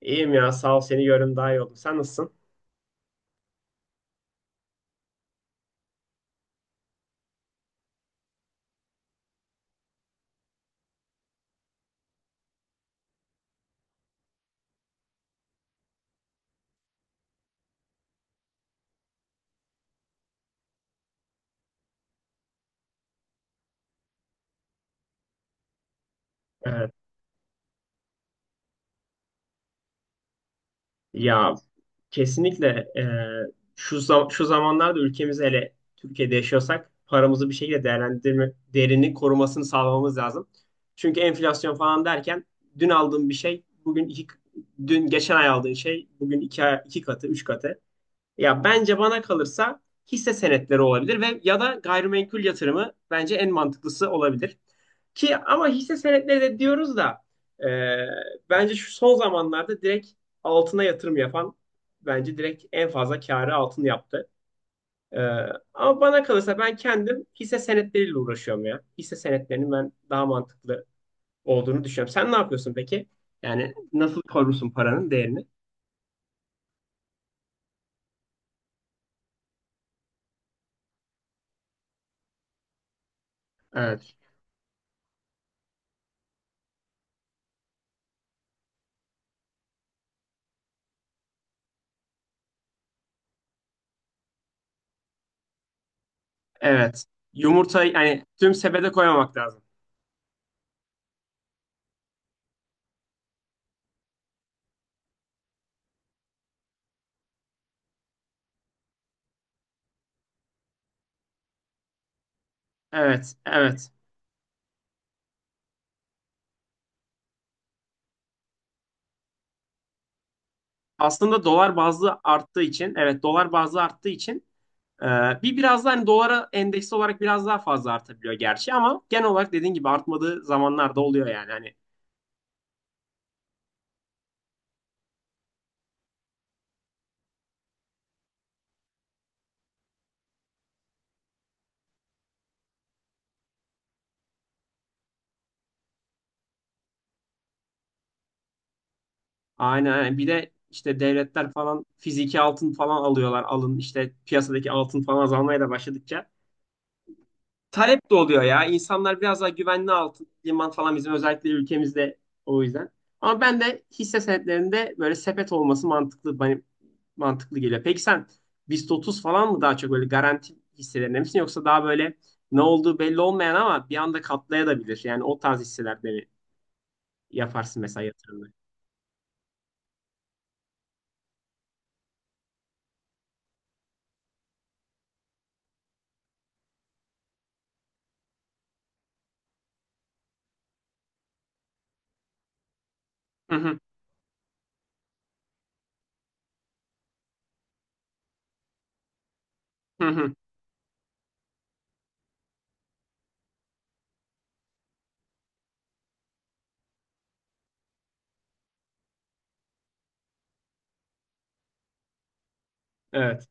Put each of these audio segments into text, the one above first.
İyiyim ya sağ ol seni görüm daha iyi oldu. Sen nasılsın? Evet. Ya kesinlikle e, şu zamanlarda ülkemizde hele Türkiye'de yaşıyorsak paramızı bir şekilde değerlendirme değerini korumasını sağlamamız lazım. Çünkü enflasyon falan derken dün aldığın bir şey bugün iki geçen ay aldığın şey bugün iki, iki katı, üç katı. Ya bence bana kalırsa hisse senetleri olabilir ve ya da gayrimenkul yatırımı bence en mantıklısı olabilir. Ki ama hisse senetleri de diyoruz da e, bence şu son zamanlarda direkt altına yatırım yapan bence direkt en fazla kârı altın yaptı. E, ama bana kalırsa ben kendim hisse senetleriyle uğraşıyorum ya. Hisse senetlerinin ben daha mantıklı olduğunu düşünüyorum. Sen ne yapıyorsun peki? Yani nasıl korursun paranın değerini? Evet. Evet. Yumurtayı yani tüm sepete koymamak lazım. Evet, evet. Aslında dolar bazlı arttığı için, evet dolar bazlı arttığı için e, bir biraz daha hani dolara endeksli olarak biraz daha fazla artabiliyor gerçi ama genel olarak dediğin gibi artmadığı zamanlar da oluyor yani. Hani aynen aynen. Bir de işte devletler falan fiziki altın falan alıyorlar. Alın işte piyasadaki altın falan azalmaya da başladıkça talep de oluyor ya. İnsanlar biraz daha güvenli altın, liman falan bizim özellikle ülkemizde o yüzden. Ama ben de hisse senetlerinde böyle sepet olması mantıklı bana mantıklı geliyor. Peki sen BIST 30 falan mı daha çok böyle garanti hisselerinde misin yoksa daha böyle ne olduğu belli olmayan ama bir anda katlayabilir. Yani o tarz hisselerde mi yaparsın mesela yatırımları? Hı hı, hı hı. Evet.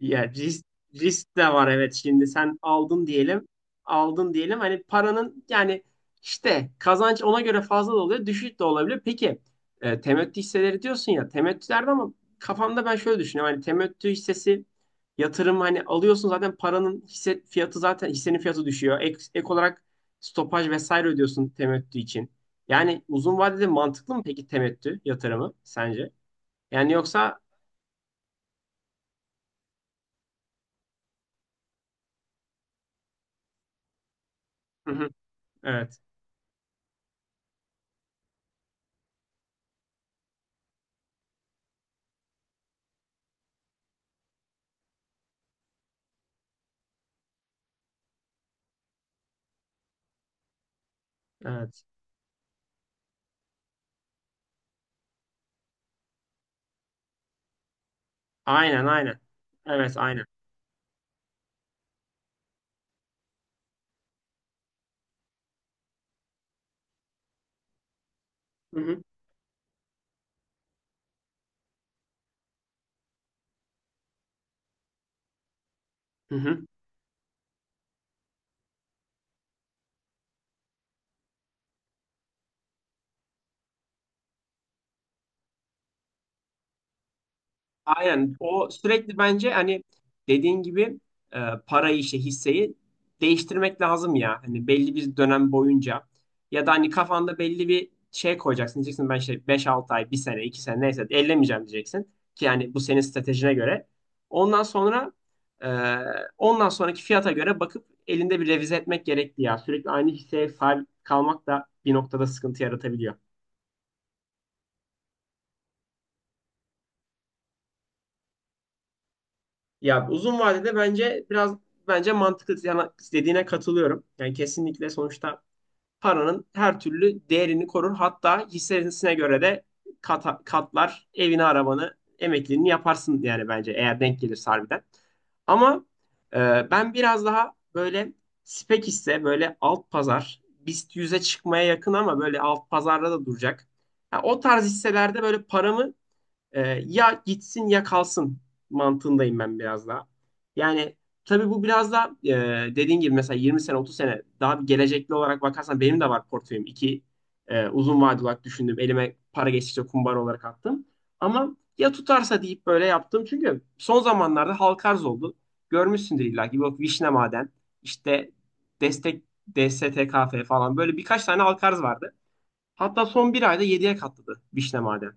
Ya risk de var evet şimdi sen aldın diyelim hani paranın yani işte kazanç ona göre fazla da oluyor düşük de olabilir. Peki temettü hisseleri diyorsun ya temettülerde ama kafamda ben şöyle düşünüyorum hani temettü hissesi yatırım hani alıyorsun zaten paranın hisse fiyatı zaten hissenin fiyatı düşüyor ek olarak stopaj vesaire ödüyorsun temettü için. Yani uzun vadede mantıklı mı peki temettü yatırımı sence? Yani yoksa. Hı hı, evet evet. Aynen aynen. Evet aynen. Hı hı. Hı hı. Aynen. O sürekli bence hani dediğin gibi e, parayı işte hisseyi değiştirmek lazım ya. Hani belli bir dönem boyunca ya da hani kafanda belli bir şey koyacaksın. Diyeceksin ben işte 5-6 ay, bir sene, 2 sene neyse ellemeyeceğim diyeceksin. Ki yani bu senin stratejine göre. Ondan sonra e, ondan sonraki fiyata göre bakıp elinde bir revize etmek gerekli ya. Sürekli aynı hisseye sahip kalmak da bir noktada sıkıntı yaratabiliyor. Ya uzun vadede bence mantıklı, dediğine katılıyorum. Yani kesinlikle sonuçta paranın her türlü değerini korur. Hatta hissesine göre de katlar evini, arabanı, emekliliğini yaparsın yani bence eğer denk gelirse harbiden. Ama e, ben biraz daha böyle spek hisse böyle alt pazar BIST 100'e çıkmaya yakın ama böyle alt pazarda da duracak. Ya o tarz hisselerde böyle paramı ya gitsin ya kalsın mantığındayım ben biraz daha. Yani tabii bu biraz da dediğin gibi mesela 20 sene 30 sene daha bir gelecekli olarak bakarsan benim de var portföyüm. İki uzun vadeli olarak düşündüm. Elime para geçtikçe kumbar olarak attım. Ama ya tutarsa deyip böyle yaptım. Çünkü son zamanlarda halka arz oldu. Görmüşsündür illa ki. Yok Vişne Maden, işte Destek, DSTKF falan böyle birkaç tane halka arz vardı. Hatta son bir ayda 7'ye katladı Vişne Maden.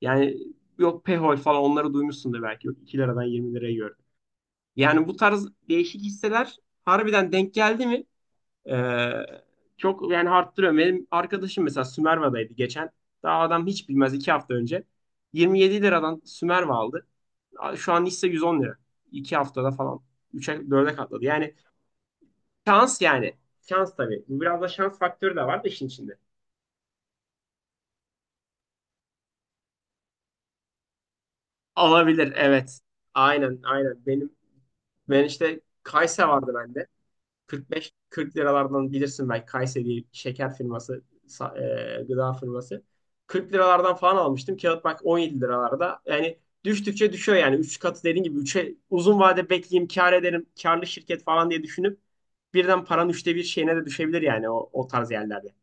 Yani yok Pehol falan onları duymuşsundur belki. Yok 2 liradan 20 liraya gördüm. Yani bu tarz değişik hisseler harbiden denk geldi mi ee, çok yani arttırıyor. Benim arkadaşım mesela Sümerva'daydı geçen. Daha adam hiç bilmez 2 hafta önce. 27 liradan Sümerva aldı. Şu an hisse 110 lira. 2 haftada falan 3'e 4'e katladı. Yani şans yani. Şans tabii. Biraz da şans faktörü de var da işin içinde. Olabilir evet. Aynen aynen. Ben işte Kayse vardı bende. 45-40 liralardan bilirsin belki Kayse diye şeker firması, gıda firması. 40 liralardan falan almıştım. Kağıt bak 17 liralarda. Yani düştükçe düşüyor yani. Üç katı dediğin gibi üçe uzun vade bekleyeyim kar ederim. Karlı şirket falan diye düşünüp birden paranın 1/3 şeyine de düşebilir yani o tarz yerlerde.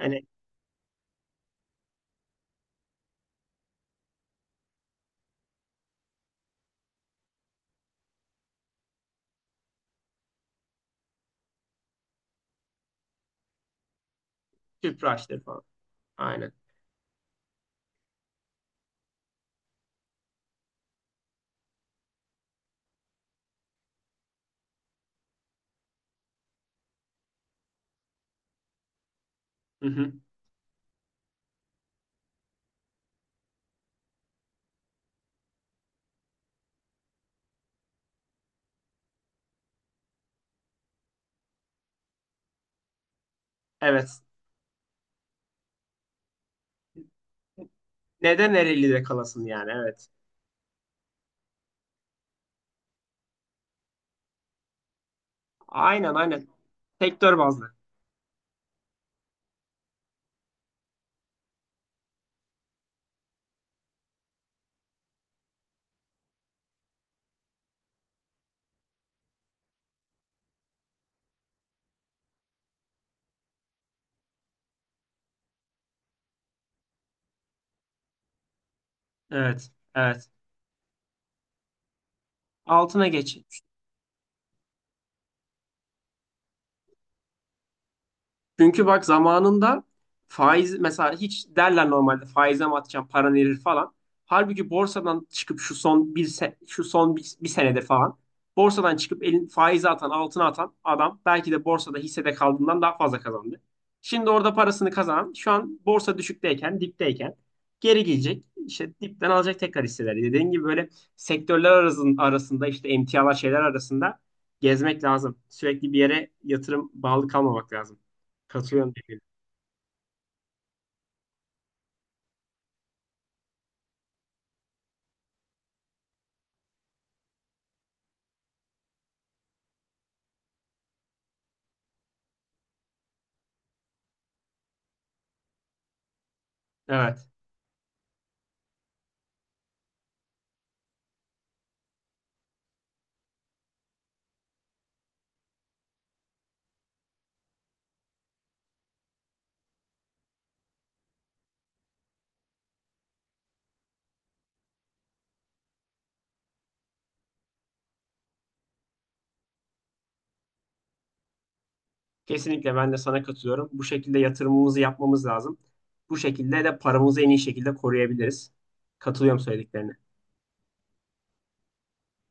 Yani Tüpraştır falan. Aynen. Hı hı. Evet. Neden Ereğli'de kalasın yani evet. Aynen aynen. Sektör bazlı. Evet. Evet. Altına geç. Çünkü bak zamanında faiz mesela hiç derler normalde faize mi atacağım paran erir falan. Halbuki borsadan çıkıp şu son bir senedir falan borsadan çıkıp elin faize atan altına atan adam belki de borsada hissede kaldığından daha fazla kazandı. Şimdi orada parasını kazanan şu an borsa düşükteyken dipteyken geri gelecek işte dipten alacak tekrar hisseleri. Dediğin gibi böyle sektörler arasında işte emtialar şeyler arasında gezmek lazım. Sürekli bir yere yatırım bağlı kalmamak lazım. Katılıyorum dediğine. Evet. Kesinlikle ben de sana katılıyorum. Bu şekilde yatırımımızı yapmamız lazım. Bu şekilde de paramızı en iyi şekilde koruyabiliriz. Katılıyorum söylediklerine.